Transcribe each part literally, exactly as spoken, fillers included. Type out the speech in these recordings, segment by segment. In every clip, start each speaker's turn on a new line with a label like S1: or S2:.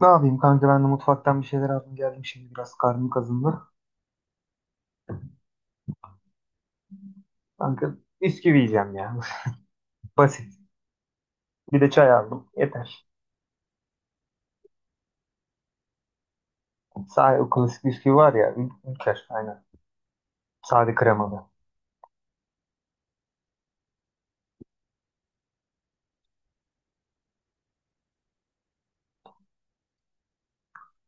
S1: Ne yapayım kanka, ben de mutfaktan bir şeyler aldım geldim, şimdi biraz karnım kazındı. Kanka, bisküvi yiyeceğim ya. Basit. Bir de çay aldım. Yeter. Sade, o klasik bisküvi var ya. Ül- Ülker. Aynen. Sade kremalı.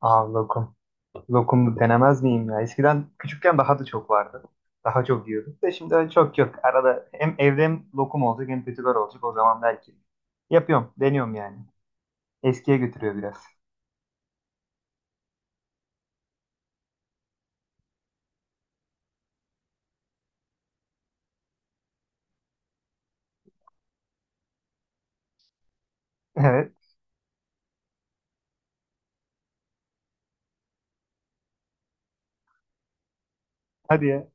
S1: Aa, lokum. Lokumlu denemez miyim ya? Eskiden küçükken daha da çok vardı. Daha çok yiyorduk da şimdi öyle çok yok. Arada hem evde hem lokum olacak hem kötüler olacak. O zaman belki. Yapıyorum. Deniyorum yani. Eskiye götürüyor biraz. Evet. Hadi ya.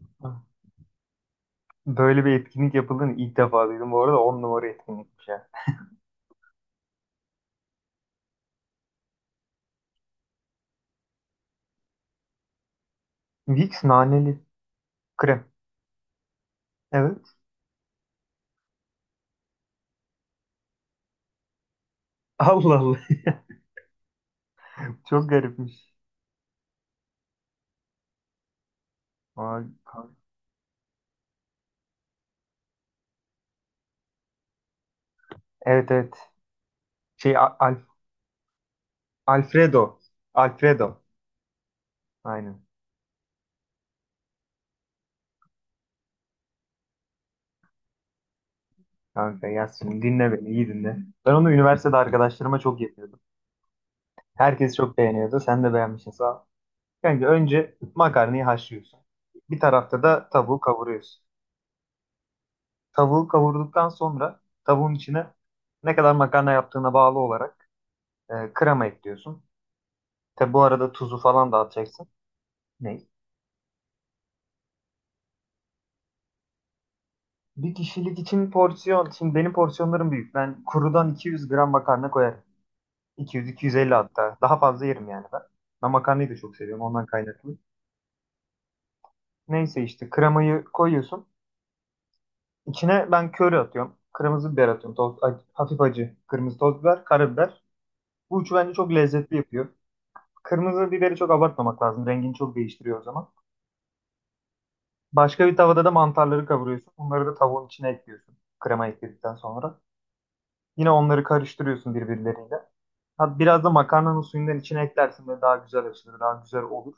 S1: Böyle bir etkinlik yapıldığını ilk defa duydum. Bu arada on numara etkinlikmiş ya. Vicks naneli krem. Evet. Allah Allah. Çok garipmiş. Vay kanka. Evet, evet. Şey, Al- Al- Alfredo. Alfredo. Aynen. Kanka yaz şimdi, dinle beni, iyi dinle. Ben onu üniversitede arkadaşlarıma çok yapıyordum. Herkes çok beğeniyordu. Sen de beğenmişsin, sağ ol. Kanka, önce makarnayı haşlıyorsun. Bir tarafta da tavuğu kavuruyorsun. Tavuğu kavurduktan sonra tavuğun içine, ne kadar makarna yaptığına bağlı olarak, E, krema ekliyorsun. Tabi bu arada tuzu falan da atacaksın. Ne? Bir kişilik için porsiyon. Şimdi benim porsiyonlarım büyük. Ben kurudan iki yüz gram makarna koyarım. iki yüz iki yüz elli hatta. Daha fazla yerim yani ben. Ben makarnayı da çok seviyorum, ondan kaynaklı. Neyse, işte kremayı koyuyorsun. İçine ben köri atıyorum. Kırmızı biber atıyorum. Toz, ac- hafif acı. Kırmızı toz biber, karabiber. Bu üçü bence çok lezzetli yapıyor. Kırmızı biberi çok abartmamak lazım. Rengini çok değiştiriyor o zaman. Başka bir tavada da mantarları kavuruyorsun. Onları da tavuğun içine ekliyorsun, krema ekledikten sonra. Yine onları karıştırıyorsun birbirleriyle. Ha, biraz da makarnanın suyundan içine eklersin, de daha güzel açılır, daha güzel olur.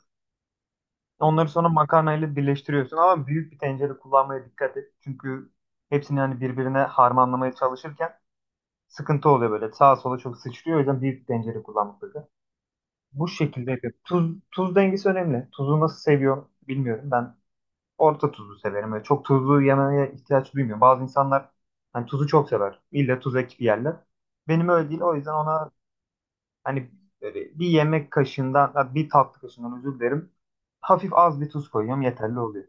S1: Onları sonra makarnayla birleştiriyorsun, ama büyük bir tencere kullanmaya dikkat et. Çünkü hepsini, yani birbirine harmanlamaya çalışırken sıkıntı oluyor böyle. Sağa sola çok sıçrıyor. O yüzden büyük bir tencere kullanmak lazım. Bu şekilde yapıyorum. Tuz, tuz dengesi önemli. Tuzu nasıl seviyorum bilmiyorum. Ben orta tuzlu severim. Böyle çok tuzlu yemeye ihtiyaç duymuyorum. Bazı insanlar hani tuzu çok sever. İlle tuz ekip yerler. Benim öyle değil. O yüzden ona hani, böyle bir yemek kaşığından, ha, bir tatlı kaşığından, özür dilerim. Hafif az bir tuz koyuyorum. Yeterli oluyor.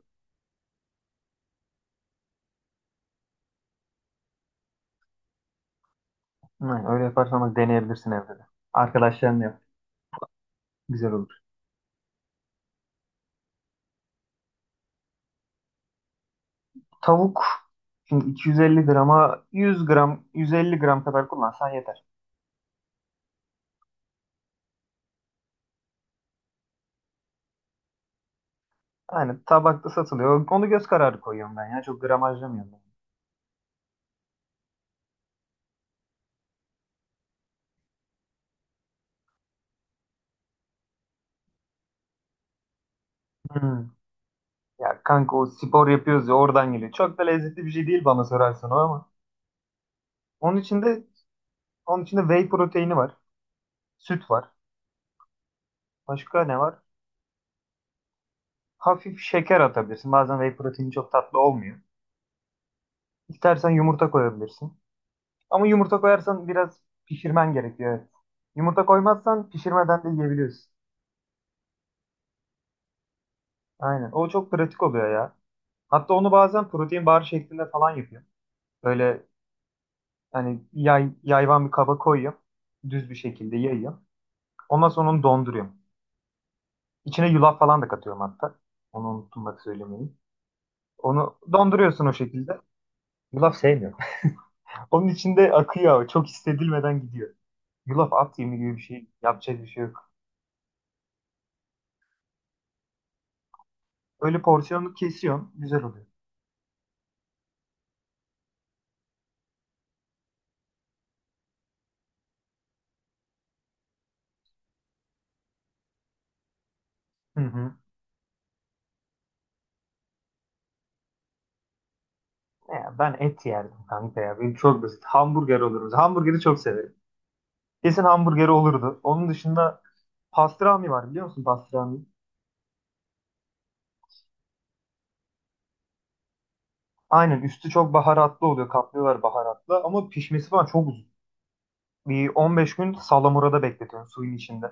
S1: Hı, öyle yaparsanız, deneyebilirsin evde de. Arkadaşlarınla yap. Güzel olur. Tavuk şimdi, iki yüz elli grama yüz gram, yüz elli gram kadar kullansan yeter. Yani tabakta satılıyor. Onu göz kararı koyuyorum ben ya. Çok gramajlamıyorum ben. Hmm. Ya kanka, o spor yapıyoruz ya, oradan geliyor. Çok da lezzetli bir şey değil, bana sorarsan o ama. Onun içinde, onun içinde whey proteini var. Süt var. Başka ne var? Hafif şeker atabilirsin. Bazen whey proteini çok tatlı olmuyor. İstersen yumurta koyabilirsin. Ama yumurta koyarsan biraz pişirmen gerekiyor. Evet. Yumurta koymazsan pişirmeden de yiyebiliyorsun. Aynen. O çok pratik oluyor ya. Hatta onu bazen protein bar şeklinde falan yapıyorum. Böyle hani, yay, yayvan bir kaba koyuyorum. Düz bir şekilde yayıyorum. Ondan sonra onu donduruyorum. İçine yulaf falan da katıyorum hatta. Onu unuttum bak söylemeyi. Onu donduruyorsun o şekilde. Yulaf sevmiyorum. Onun içinde akıyor ama çok hissedilmeden gidiyor. Yulaf at yemi gibi bir şey. Yapacak bir şey yok. Öyle porsiyonlu kesiyorsun. Güzel oluyor. Hı hı. Ya ben et yerdim kanka ya. Benim çok basit. Hamburger oluruz. Hamburgeri çok severim. Kesin hamburgeri olurdu. Onun dışında pastrami var, biliyor musun pastrami? Aynen, üstü çok baharatlı oluyor. Kaplıyorlar baharatla, ama pişmesi falan çok uzun. Bir on beş gün salamurada bekletiyorsun, suyun içinde.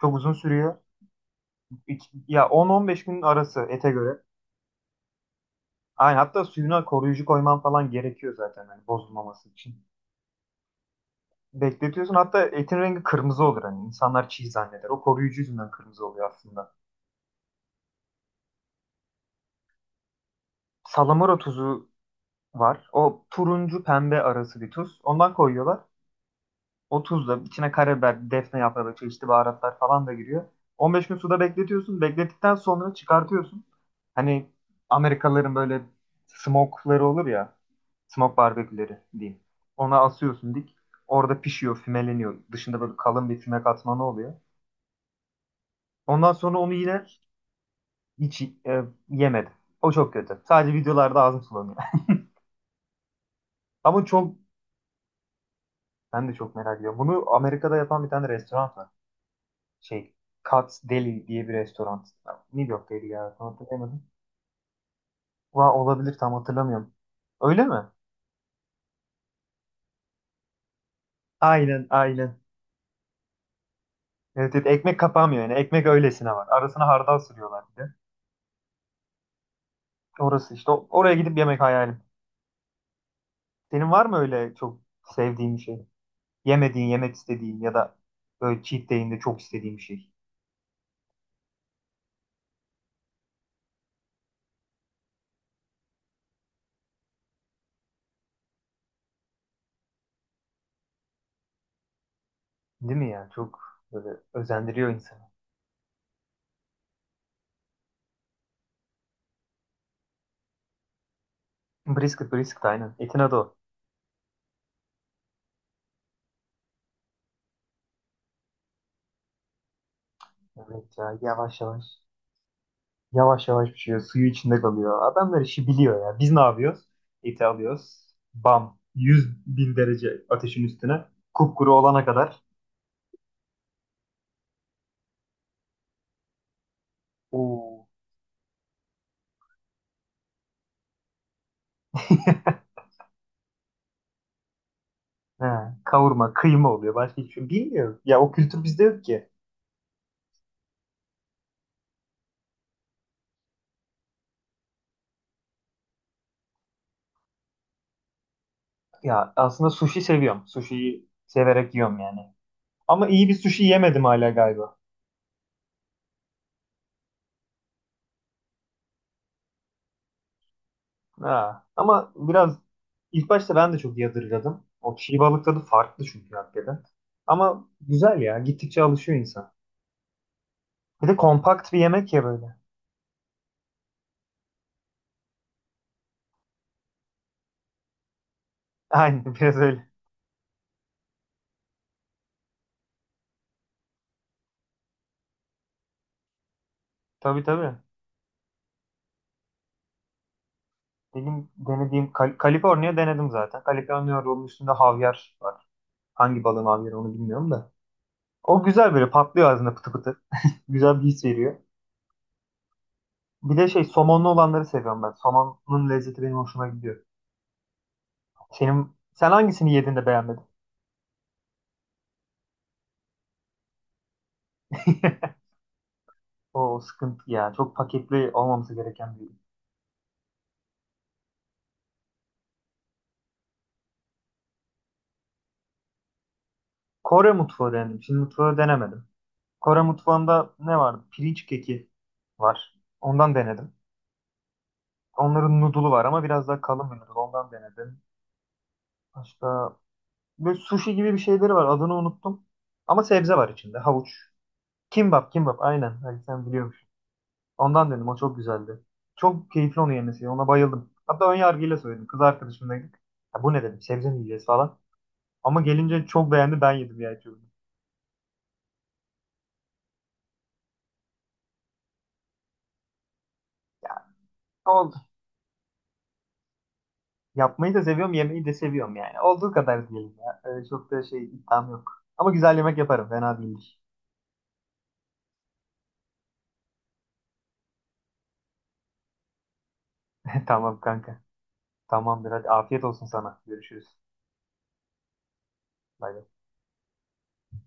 S1: Çok uzun sürüyor. İki- ya on on beş gün arası, ete göre. Aynen, hatta suyuna koruyucu koyman falan gerekiyor zaten, hani bozulmaması için. Bekletiyorsun, hatta etin rengi kırmızı olur, hani insanlar çiğ zanneder. O koruyucu yüzünden kırmızı oluyor aslında. Salamura tuzu var. O turuncu pembe arası bir tuz. Ondan koyuyorlar. O tuzla içine karabiber, defne yaprağı, çeşitli baharatlar falan da giriyor. on beş gün suda bekletiyorsun. Beklettikten sonra çıkartıyorsun. Hani Amerikalıların böyle smoke'ları olur ya. Smoke barbeküleri diyeyim. Ona asıyorsun dik. Orada pişiyor, fümeleniyor. Dışında böyle kalın bir füme katmanı oluyor. Ondan sonra onu yine hiç e, yemedim. O çok kötü. Sadece videolarda ağzım sulanıyor. Ama çok, ben de çok merak ediyorum. Bunu Amerika'da yapan bir tane restoran var. Şey, Katz Deli diye bir restoran. New York'taydı ya. Tam hatırlayamadım. Va, olabilir, tam hatırlamıyorum. Öyle mi? Aynen, aynen. Evet, evet, ekmek kapamıyor yani. Ekmek öylesine var. Arasına hardal sürüyorlar bir de. Orası işte. Oraya gidip yemek hayalim. Senin var mı öyle çok sevdiğin bir şey? Yemediğin, yemek istediğin, ya da böyle cheat day'inde çok istediğin bir şey. Değil mi ya? Çok böyle özendiriyor insanı. Brisket, brisket, aynen. Etin adı o. Evet ya, yavaş yavaş. Yavaş yavaş pişiyor. Suyu içinde kalıyor. Adamlar işi biliyor ya. Biz ne yapıyoruz? Eti alıyoruz. Bam. Yüz bin derece ateşin üstüne. Kupkuru olana kadar. Oo. He, kavurma, kıyma oluyor. Başka hiçbir şey bilmiyoruz. Ya o kültür bizde yok ki. Ya aslında sushi seviyorum. Sushi'yi severek yiyorum yani. Ama iyi bir sushi yemedim hala galiba. Ha. Ama biraz, ilk başta ben de çok yadırgadım. O çiğ balık tadı farklı çünkü, hakikaten. Ama güzel ya. Gittikçe alışıyor insan. Bir de kompakt bir yemek ya böyle. Aynen, biraz öyle. Tabii, tabii. Benim denediğim, Kal Kaliforniya denedim zaten. Kaliforniya rolun üstünde havyar var. Hangi balığın havyarı, onu bilmiyorum da. O güzel, böyle patlıyor ağzında, pıtı pıtı. Güzel bir his veriyor. Bir de şey, somonlu olanları seviyorum ben. Somonun lezzeti benim hoşuma gidiyor. Senin, sen hangisini yedin de beğenmedin? O sıkıntı ya. Çok paketli olmaması gereken bir. Kore mutfağı denedim. Çin mutfağı denemedim. Kore mutfağında ne vardı? Pirinç keki var. Ondan denedim. Onların noodle'u var, ama biraz daha kalın bir noodle. Ondan denedim. Başka, böyle sushi gibi bir şeyleri var. Adını unuttum. Ama sebze var içinde. Havuç. Kimbap, kimbap. Aynen. Ali, sen biliyormuş. Ondan dedim, o çok güzeldi. Çok keyifli onu yemesi. Ona bayıldım. Hatta ön yargıyla söyledim. Kız arkadaşımdaydık. Ya bu ne dedim, sebze mi yiyeceğiz falan. Ama gelince çok beğendi, ben yedim ya çocuğum. Ya, oldu. Yapmayı da seviyorum, yemeyi de seviyorum yani. Olduğu kadar diyelim ya. Öyle çok da şey, iddiam yok. Ama güzel yemek yaparım, fena değildir. Tamam kanka. Tamamdır, hadi afiyet olsun sana. Görüşürüz. Bay bay.